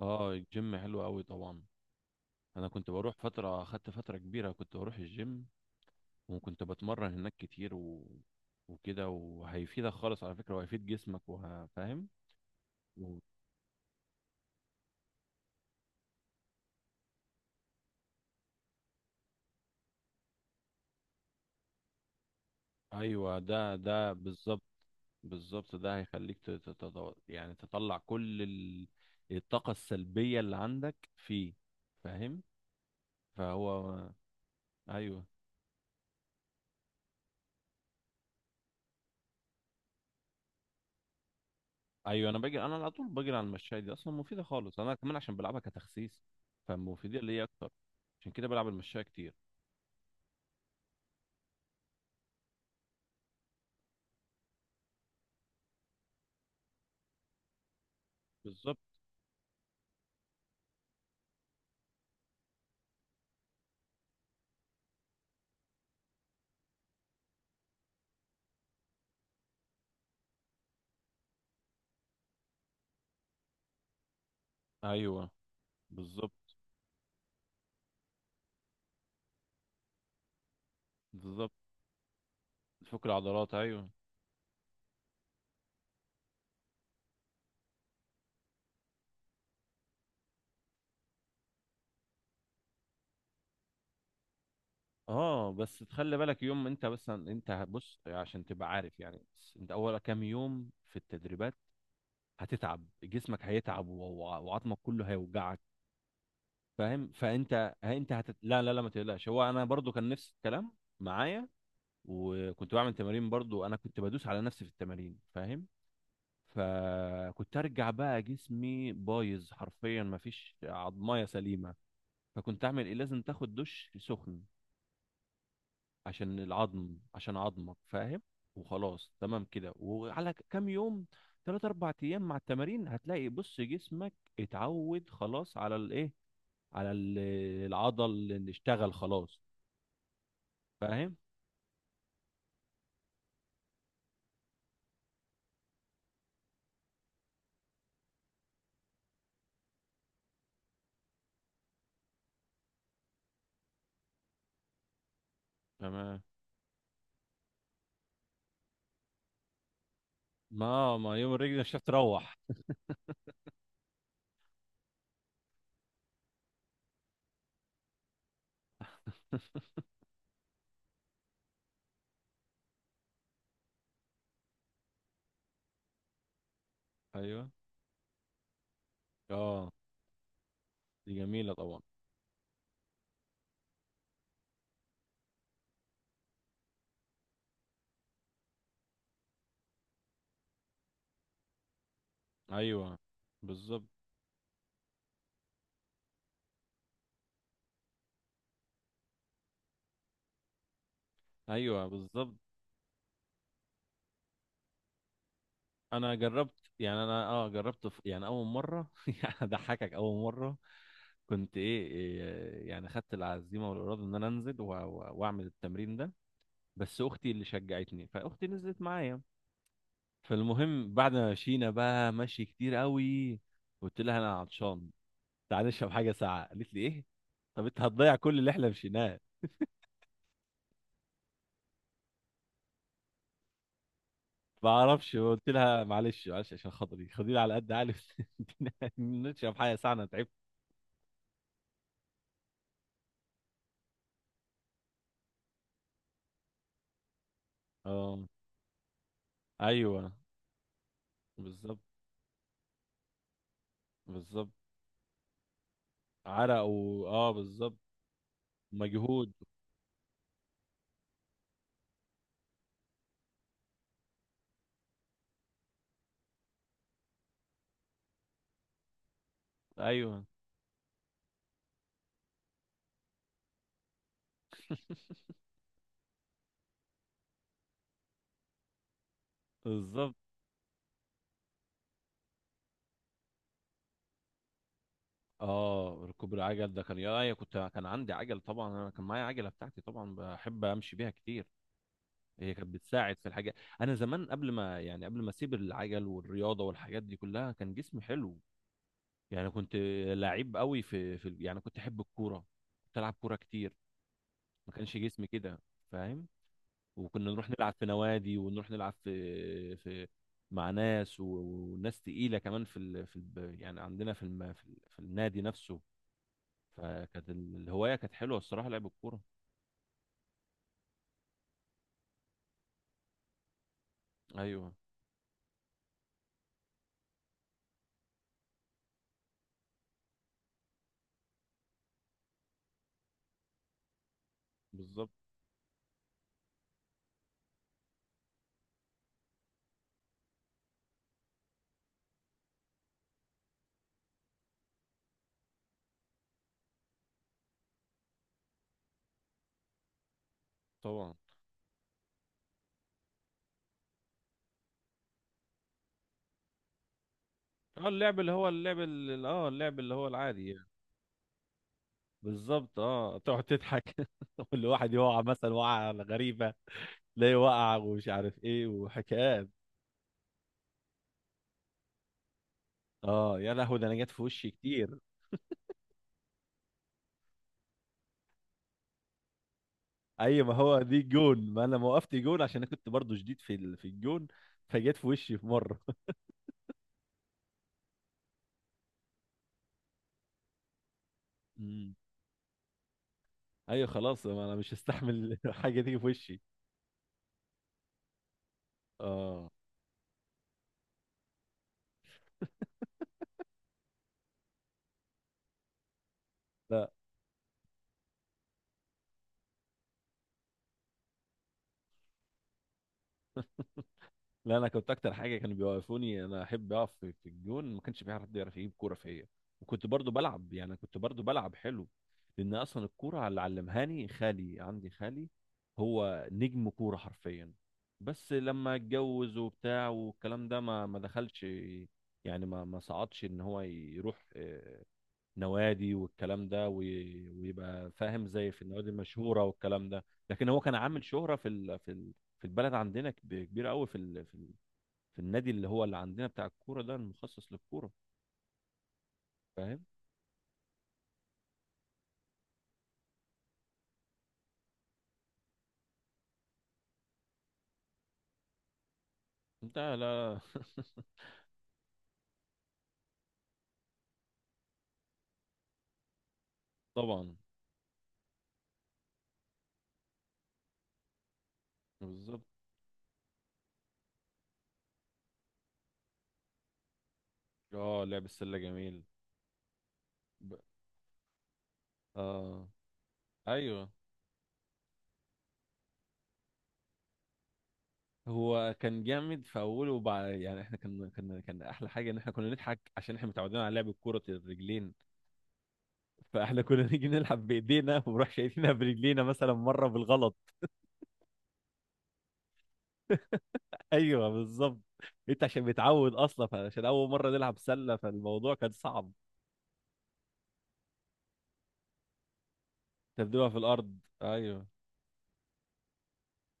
اه، الجيم حلو قوي طبعا. انا كنت بروح فتره، اخدت فتره كبيره كنت بروح الجيم، وكنت بتمرن هناك كتير وكده، وهيفيدك خالص على فكره، وهيفيد جسمك، وهفهم. و... ايوه، ده بالظبط. بالظبط، ده هيخليك يعني تطلع كل الطاقه السلبيه اللي عندك فيه. فاهم. فهو ايوه ايوه. انا بجري، انا على طول بجري على المشاية دي، اصلا مفيده خالص انا كمان عشان بلعبها كتخسيس، فمفيده ليا اكتر. عشان كده بلعب المشاية كتير. بالظبط. ايوه بالظبط. بالظبط، فك العضلات، ايوه. اه بس تخلي بالك يوم، انت بس، انت بص عشان تبقى عارف، يعني بس انت اول كام يوم في التدريبات هتتعب جسمك، هيتعب وعظمك كله هيوجعك. فاهم. فانت انت لا لا لا، ما تقلقش، هو انا برضو كان نفس الكلام معايا. وكنت بعمل تمارين برضو، انا كنت بدوس على نفسي في التمارين، فاهم. فكنت ارجع بقى جسمي بايظ حرفيا، مفيش عظمايه سليمه. فكنت اعمل ايه؟ لازم تاخد دش سخن عشان العظم، عشان عظمك، فاهم. وخلاص تمام كده. وعلى كام يوم، تلات اربع ايام مع التمارين، هتلاقي بص جسمك اتعود خلاص على الايه، على العضل اللي اشتغل خلاص. فاهم. تمام. ما يوم الرجل مش هتروح. ايوه. اه، دي جميلة طبعا. ايوه بالظبط. ايوه بالظبط. انا جربت، يعني انا اه جربت في، يعني اول مرة يعني اضحكك. اول مرة كنت ايه، إيه، يعني خدت العزيمة والإرادة ان انا انزل واعمل التمرين ده. بس اختي اللي شجعتني، فاختي نزلت معايا. فالمهم بعد ما مشينا بقى مشي كتير قوي، قلت لها انا عطشان، تعالى نشرب حاجة ساقعة. قالت لي ايه؟ طب انت هتضيع كل اللي احنا مشيناه؟ ما اعرفش، قلت لها معلش معلش عشان خاطري، خديني على قد عقلي. نشرب حاجه ساعه، انا تعبت. اه. ايوه بالظبط. بالظبط، عرق، و اه بالظبط، مجهود. ايوه. بالظبب. اه، ركوب العجل ده كان، يا كنت، كان عندي عجل طبعا، انا كان معايا عجله بتاعتي طبعا، بحب امشي بيها كتير. هي كانت بتساعد في الحاجات. انا زمان قبل ما، يعني قبل ما اسيب العجل والرياضه والحاجات دي كلها، كان جسمي حلو، يعني كنت لعيب قوي في يعني كنت احب الكوره، كنت العب كوره كتير، ما كانش جسمي كده، فاهم. وكنا نروح نلعب في نوادي، ونروح نلعب في مع ناس وناس تقيله كمان يعني عندنا في النادي نفسه. فكانت الهوايه كانت حلوه الصراحه، لعب الكوره. ايوه. بالظبط. طبعا. اه، اللعب اللي هو اللعب اللي اه اللعب اللي هو العادي يعني. بالظبط، اه تقعد تضحك. والواحد يقع مثلا وقعه غريبه، ليه وقع، ومش عارف ايه، وحكايات. اه يا لهوي، ده انا جت في وشي كتير. اي، ما هو دي جون، ما انا ما وقفت جون عشان انا كنت برضو جديد في الجون، فجت في وشي في مره. امم. ايوه خلاص، ما انا مش هستحمل حاجه تيجي في وشي. اه. لا لا، انا كنت اكتر حاجه كانوا بيوقفوني، انا احب اقف في الجون، ما كانش في حد يعرف يجيب كوره فيا. وكنت برضو بلعب، يعني كنت برضو بلعب حلو، لان اصلا الكوره اللي علمهاني خالي، عندي خالي هو نجم كوره حرفيا. بس لما اتجوز وبتاع والكلام ده ما دخلش، يعني ما صعدش ان هو يروح نوادي والكلام ده، ويبقى فاهم زي في النوادي المشهوره والكلام ده. لكن هو كان عامل شهره في البلد عندنا كبيره قوي في ال- في في النادي اللي هو اللي عندنا بتاع الكوره ده، المخصص للكوره. فاهم انت. لا. طبعا. بالظبط. اه، لعب السله جميل. ب... اه ايوه. هو كان جامد في اوله، وبعد يعني احنا كان احلى حاجه ان احنا كنا نضحك عشان احنا متعودين على لعب الكوره الرجلين، فاحنا كنا نيجي نلعب بايدينا ونروح شايفينها برجلينا مثلا مره بالغلط. ايوه بالظبط. انت عشان متعود اصلا، عشان اول مره نلعب سله فالموضوع كان صعب. تبدوها في الارض، ايوه.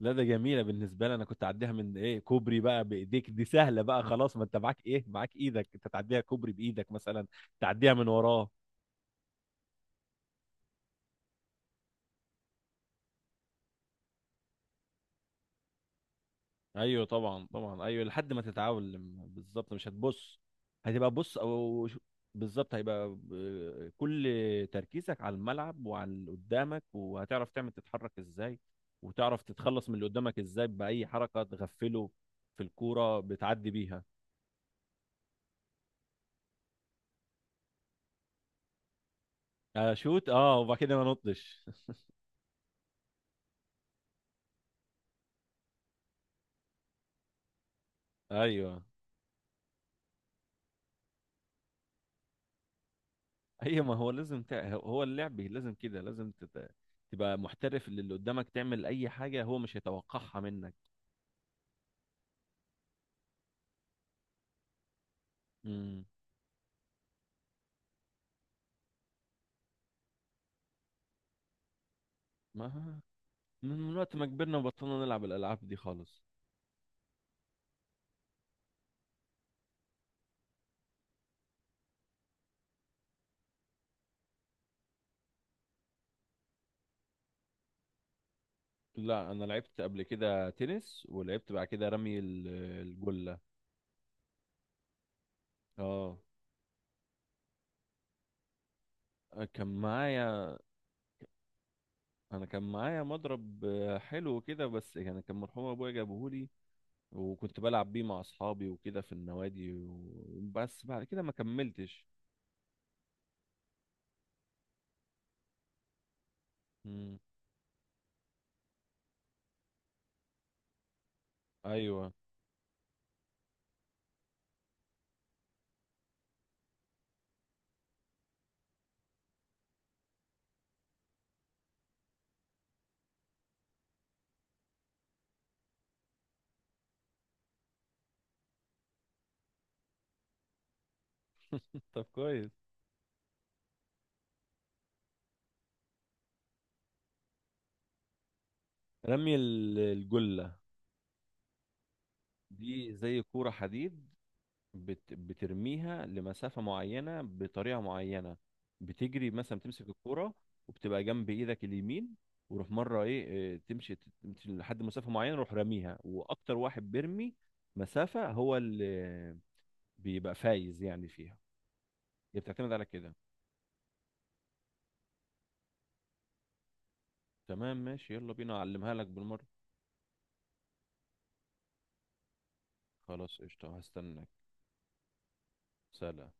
لا، ده جميله بالنسبه لي، انا كنت اعديها من ايه، كوبري بقى بايديك، دي سهله بقى خلاص. ما انت معاك ايه؟ معاك ايدك انت، تعديها كوبري بايدك مثلا، تعديها من وراه. ايوه طبعا طبعا ايوه، لحد ما تتعلم بالظبط مش هتبص. هتبقى بص بالظبط، هيبقى كل تركيزك على الملعب وعلى اللي قدامك، وهتعرف تعمل تتحرك ازاي، وتعرف تتخلص من اللي قدامك ازاي، باي حركه تغفله في الكوره بتعدي بيها. اشوت، اه وبعد كده ما نطش. ايوه. هي، ما هو لازم هو اللعب لازم كده، لازم تبقى محترف. اللي اللي قدامك تعمل اي حاجه هو مش هيتوقعها منك. امم. ما من وقت ما كبرنا وبطلنا نلعب الالعاب دي خالص. لا، انا لعبت قبل كده تنس، ولعبت بعد كده رمي الجلة. اه، كان معايا، انا كان معايا مضرب حلو كده، بس يعني كان مرحوم ابويا جابهولي، وكنت بلعب بيه مع اصحابي وكده في النوادي بس بعد كده ما كملتش. امم. ايوه. طب كويس. رمي الجلة دي زي كورة حديد، بترميها لمسافة معينة بطريقة معينة. بتجري مثلا بتمسك الكورة، وبتبقى جنب ايدك اليمين، وروح مرة ايه، إيه، تمشي تمشي لحد مسافة معينة، روح راميها، واكتر واحد بيرمي مسافة هو اللي بيبقى فايز يعني فيها. هي بتعتمد على كده. تمام ماشي، يلا بينا اعلمها لك بالمرة. خلاص قشطة، هستناك. سلام.